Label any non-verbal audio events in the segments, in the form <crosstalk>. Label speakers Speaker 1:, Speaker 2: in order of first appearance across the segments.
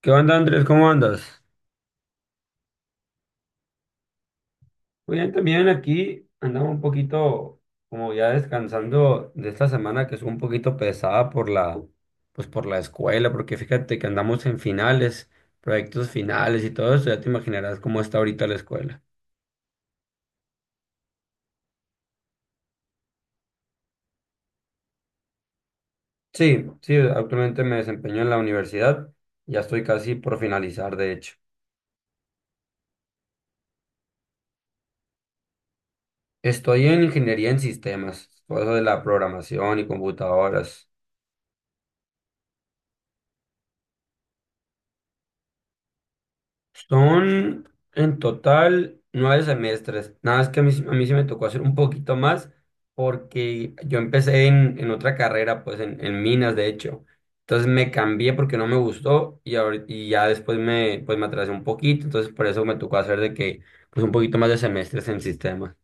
Speaker 1: ¿Qué onda, Andrés? ¿Cómo andas? Muy bien, también aquí andaba un poquito como ya descansando de esta semana que es un poquito pesada pues por la escuela, porque fíjate que andamos en finales, proyectos finales y todo eso, ya te imaginarás cómo está ahorita la escuela. Sí, sí, actualmente me desempeño en la universidad, ya estoy casi por finalizar, de hecho. Estoy en ingeniería en sistemas, todo eso de la programación y computadoras. Son en total nueve semestres. Nada más que a mí, a mí sí me tocó hacer un poquito más porque yo empecé en otra carrera, pues en minas, de hecho. Entonces me cambié porque no me gustó y ya después pues me atrasé un poquito. Entonces por eso me tocó hacer de que, pues un poquito más de semestres en sistemas.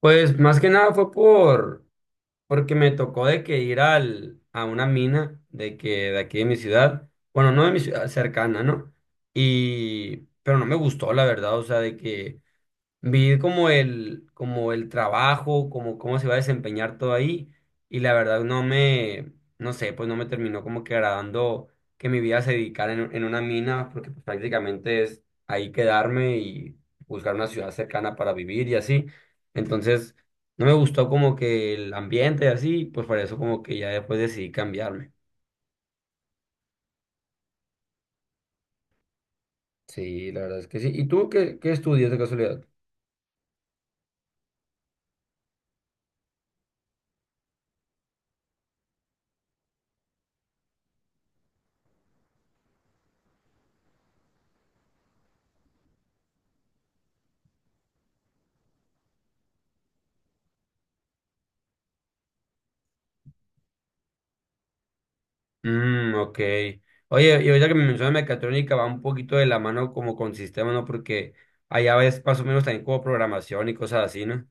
Speaker 1: Pues más que nada fue por... Porque me tocó de que ir a una mina de que de aquí de mi ciudad, bueno, no de mi ciudad cercana, ¿no? Y, pero no me gustó, la verdad, o sea, de que vi como el trabajo, como cómo se iba a desempeñar todo ahí, y la verdad no sé, pues no me terminó como que agradando que mi vida se dedicara en una mina, porque pues prácticamente es ahí quedarme y buscar una ciudad cercana para vivir y así. Entonces, no me gustó como que el ambiente y así, pues por eso como que ya después decidí cambiarme. Sí, la verdad es que sí. ¿Y tú qué, qué estudias de casualidad? Mm, ok. Oye, y ahorita que me mencionas mecatrónica va un poquito de la mano como con sistemas, ¿no? Porque allá ves más o menos también como programación y cosas así, ¿no?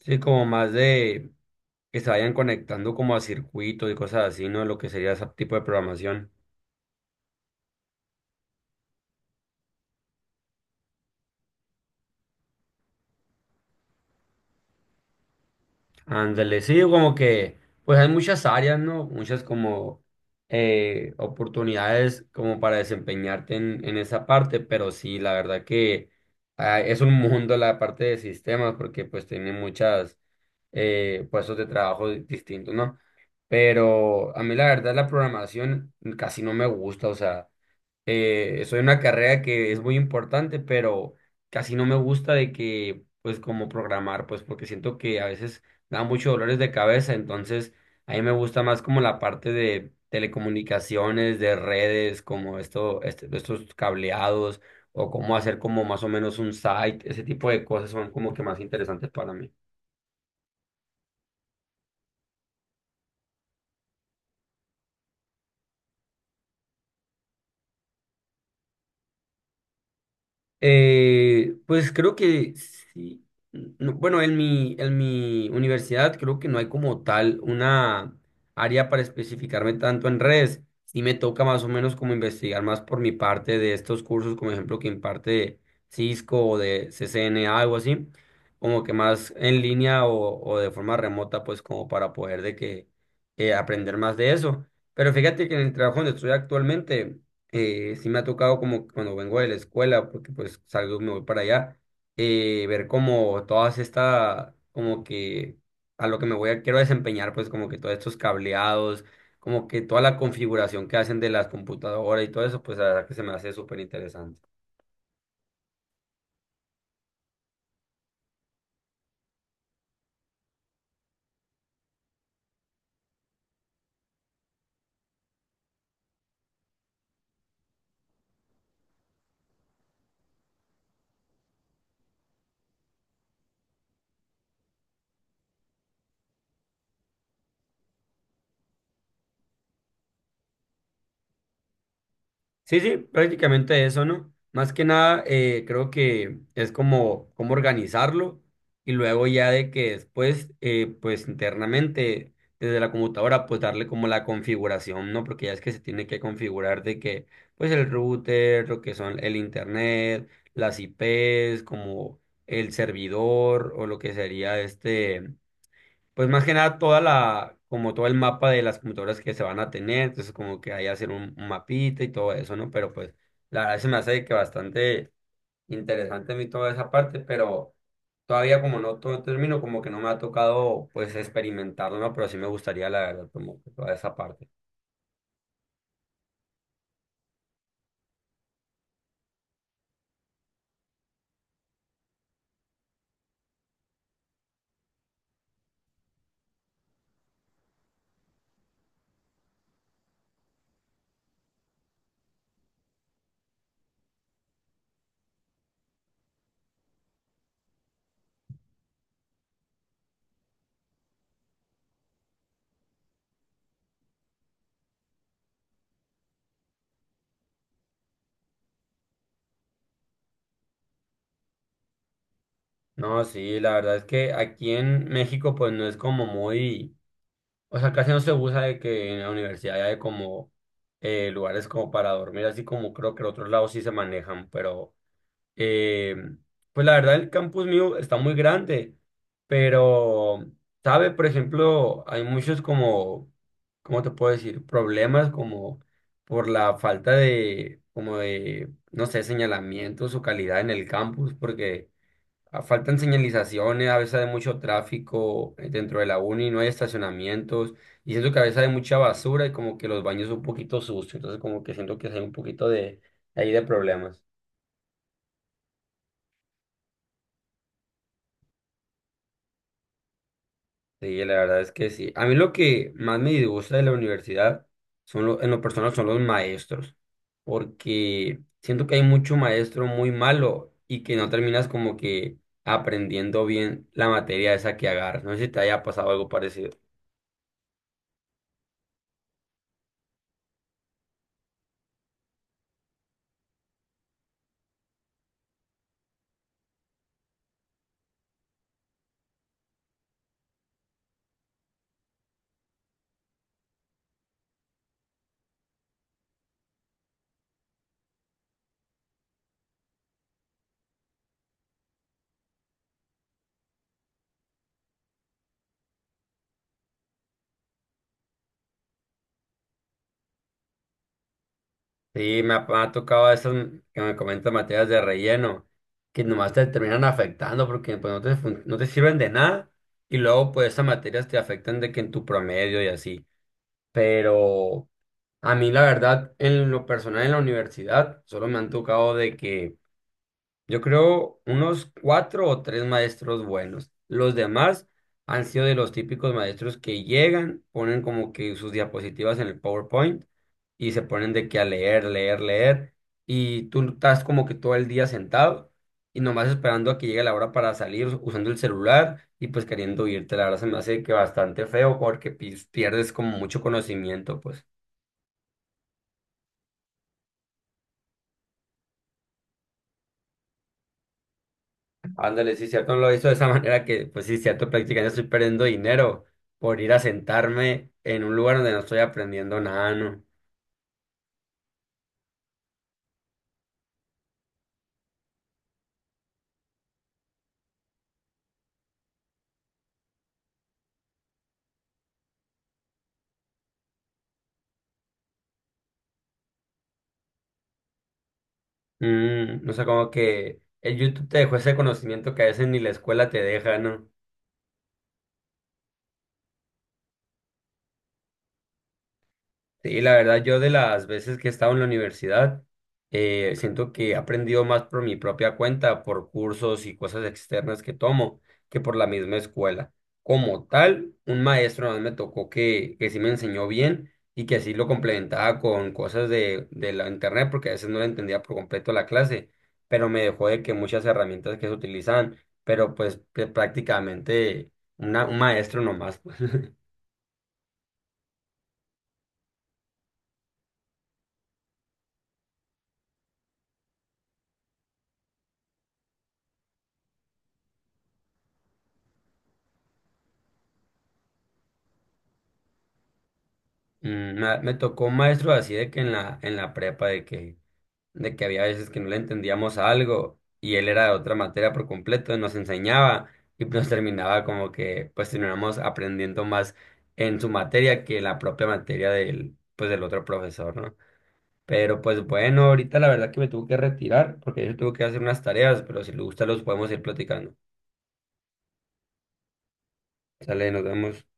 Speaker 1: Sí, como más de que se vayan conectando como a circuitos y cosas así, ¿no? Lo que sería ese tipo de programación. Ándale, sí, como que pues hay muchas áreas, ¿no? Muchas como oportunidades como para desempeñarte en esa parte, pero sí, la verdad que es un mundo la parte de sistemas porque pues tiene muchas puestos de trabajo distintos, ¿no? Pero a mí la verdad la programación casi no me gusta, o sea, soy una carrera que es muy importante, pero casi no me gusta de que, pues, como programar, pues, porque siento que a veces da muchos dolores de cabeza, entonces a mí me gusta más como la parte de telecomunicaciones, de redes, como esto, estos cableados, o cómo hacer como más o menos un site, ese tipo de cosas son como que más interesantes para mí. Pues creo que sí. No, bueno, en mi universidad creo que no hay como tal una área para especificarme tanto en redes. Sí me toca más o menos como investigar más por mi parte de estos cursos, como ejemplo que imparte Cisco o de CCNA, algo así, como que más en línea o de forma remota, pues como para poder de que aprender más de eso. Pero fíjate que en el trabajo donde estoy actualmente sí me ha tocado como que cuando vengo de la escuela, porque pues salgo y me voy para allá, ver como todas estas, como que a lo que me voy a, quiero desempeñar, pues como que todos estos cableados, como que toda la configuración que hacen de las computadoras y todo eso, pues la verdad que se me hace súper interesante. Sí, sí, prácticamente eso, ¿no? Más que nada, creo que es como, cómo organizarlo y luego ya de que después, pues internamente, desde la computadora, pues darle como la configuración, ¿no? Porque ya es que se tiene que configurar de que, pues el router, lo que son el internet, las IPs, como el servidor o lo que sería este. Pues más que nada toda la, como todo el mapa de las computadoras que se van a tener, entonces como que ahí hacer un mapita y todo eso, ¿no? Pero pues la verdad se me hace que bastante interesante a mí toda esa parte, pero todavía como no todo termino, como que no me ha tocado pues experimentarlo, ¿no? Pero sí me gustaría la verdad como que toda esa parte. No, sí, la verdad es que aquí en México pues no es como muy, o sea, casi no se usa de que en la universidad hay como lugares como para dormir, así como creo que en otros lados sí se manejan, pero... Eh, pues la verdad el campus mío está muy grande, pero, ¿sabe? Por ejemplo, hay muchos como, ¿cómo te puedo decir? Problemas como por la falta de, como de, no sé, señalamientos o calidad en el campus, porque faltan señalizaciones, a veces hay mucho tráfico dentro de la uni, no hay estacionamientos, y siento que a veces hay mucha basura y como que los baños son un poquito sucios, entonces como que siento que sí hay un poquito de, ahí de problemas. Sí, la verdad es que sí. A mí lo que más me disgusta de la universidad en lo personal son los maestros, porque siento que hay mucho maestro muy malo y que no terminas como que aprendiendo bien la materia esa que agarras. No sé si te haya pasado algo parecido. Sí, me ha tocado eso que me comentan materias de relleno, que nomás te terminan afectando porque pues, no te sirven de nada y luego pues esas materias te afectan de que en tu promedio y así. Pero... A mí, la verdad, en lo personal en la universidad, solo me han tocado de que yo creo unos cuatro o tres maestros buenos. Los demás han sido de los típicos maestros que llegan, ponen como que sus diapositivas en el PowerPoint y se ponen de que a leer, leer, leer. Y tú estás como que todo el día sentado y nomás esperando a que llegue la hora para salir usando el celular y pues queriendo irte. La verdad se me hace que bastante feo porque pierdes como mucho conocimiento, pues. Ándale, sí, cierto, no lo hizo de esa <laughs> manera que, pues sí, cierto, prácticamente estoy perdiendo dinero por ir a sentarme en un lugar donde no estoy aprendiendo nada, ¿no? Mm, no sé, como que el YouTube te dejó ese conocimiento que a veces ni la escuela te deja, ¿no? Sí, la verdad, yo de las veces que he estado en la universidad, siento que he aprendido más por mi propia cuenta, por cursos y cosas externas que tomo, que por la misma escuela. Como tal, un maestro nada más me tocó que sí me enseñó bien y que así lo complementaba con cosas de la internet, porque a veces no le entendía por completo la clase, pero me dejó de que muchas herramientas que se utilizaban, pero pues que prácticamente un maestro nomás. Pues. <laughs> Mm, me tocó un maestro así de que en la prepa de que había veces que no le entendíamos algo y él era de otra materia por completo y nos enseñaba y nos terminaba como que pues terminamos aprendiendo más en su materia que en la propia materia del, pues del otro profesor, ¿no? Pero pues bueno, ahorita la verdad que me tuve que retirar porque yo tuve que hacer unas tareas, pero si le gusta los podemos ir platicando. Sale, nos vemos.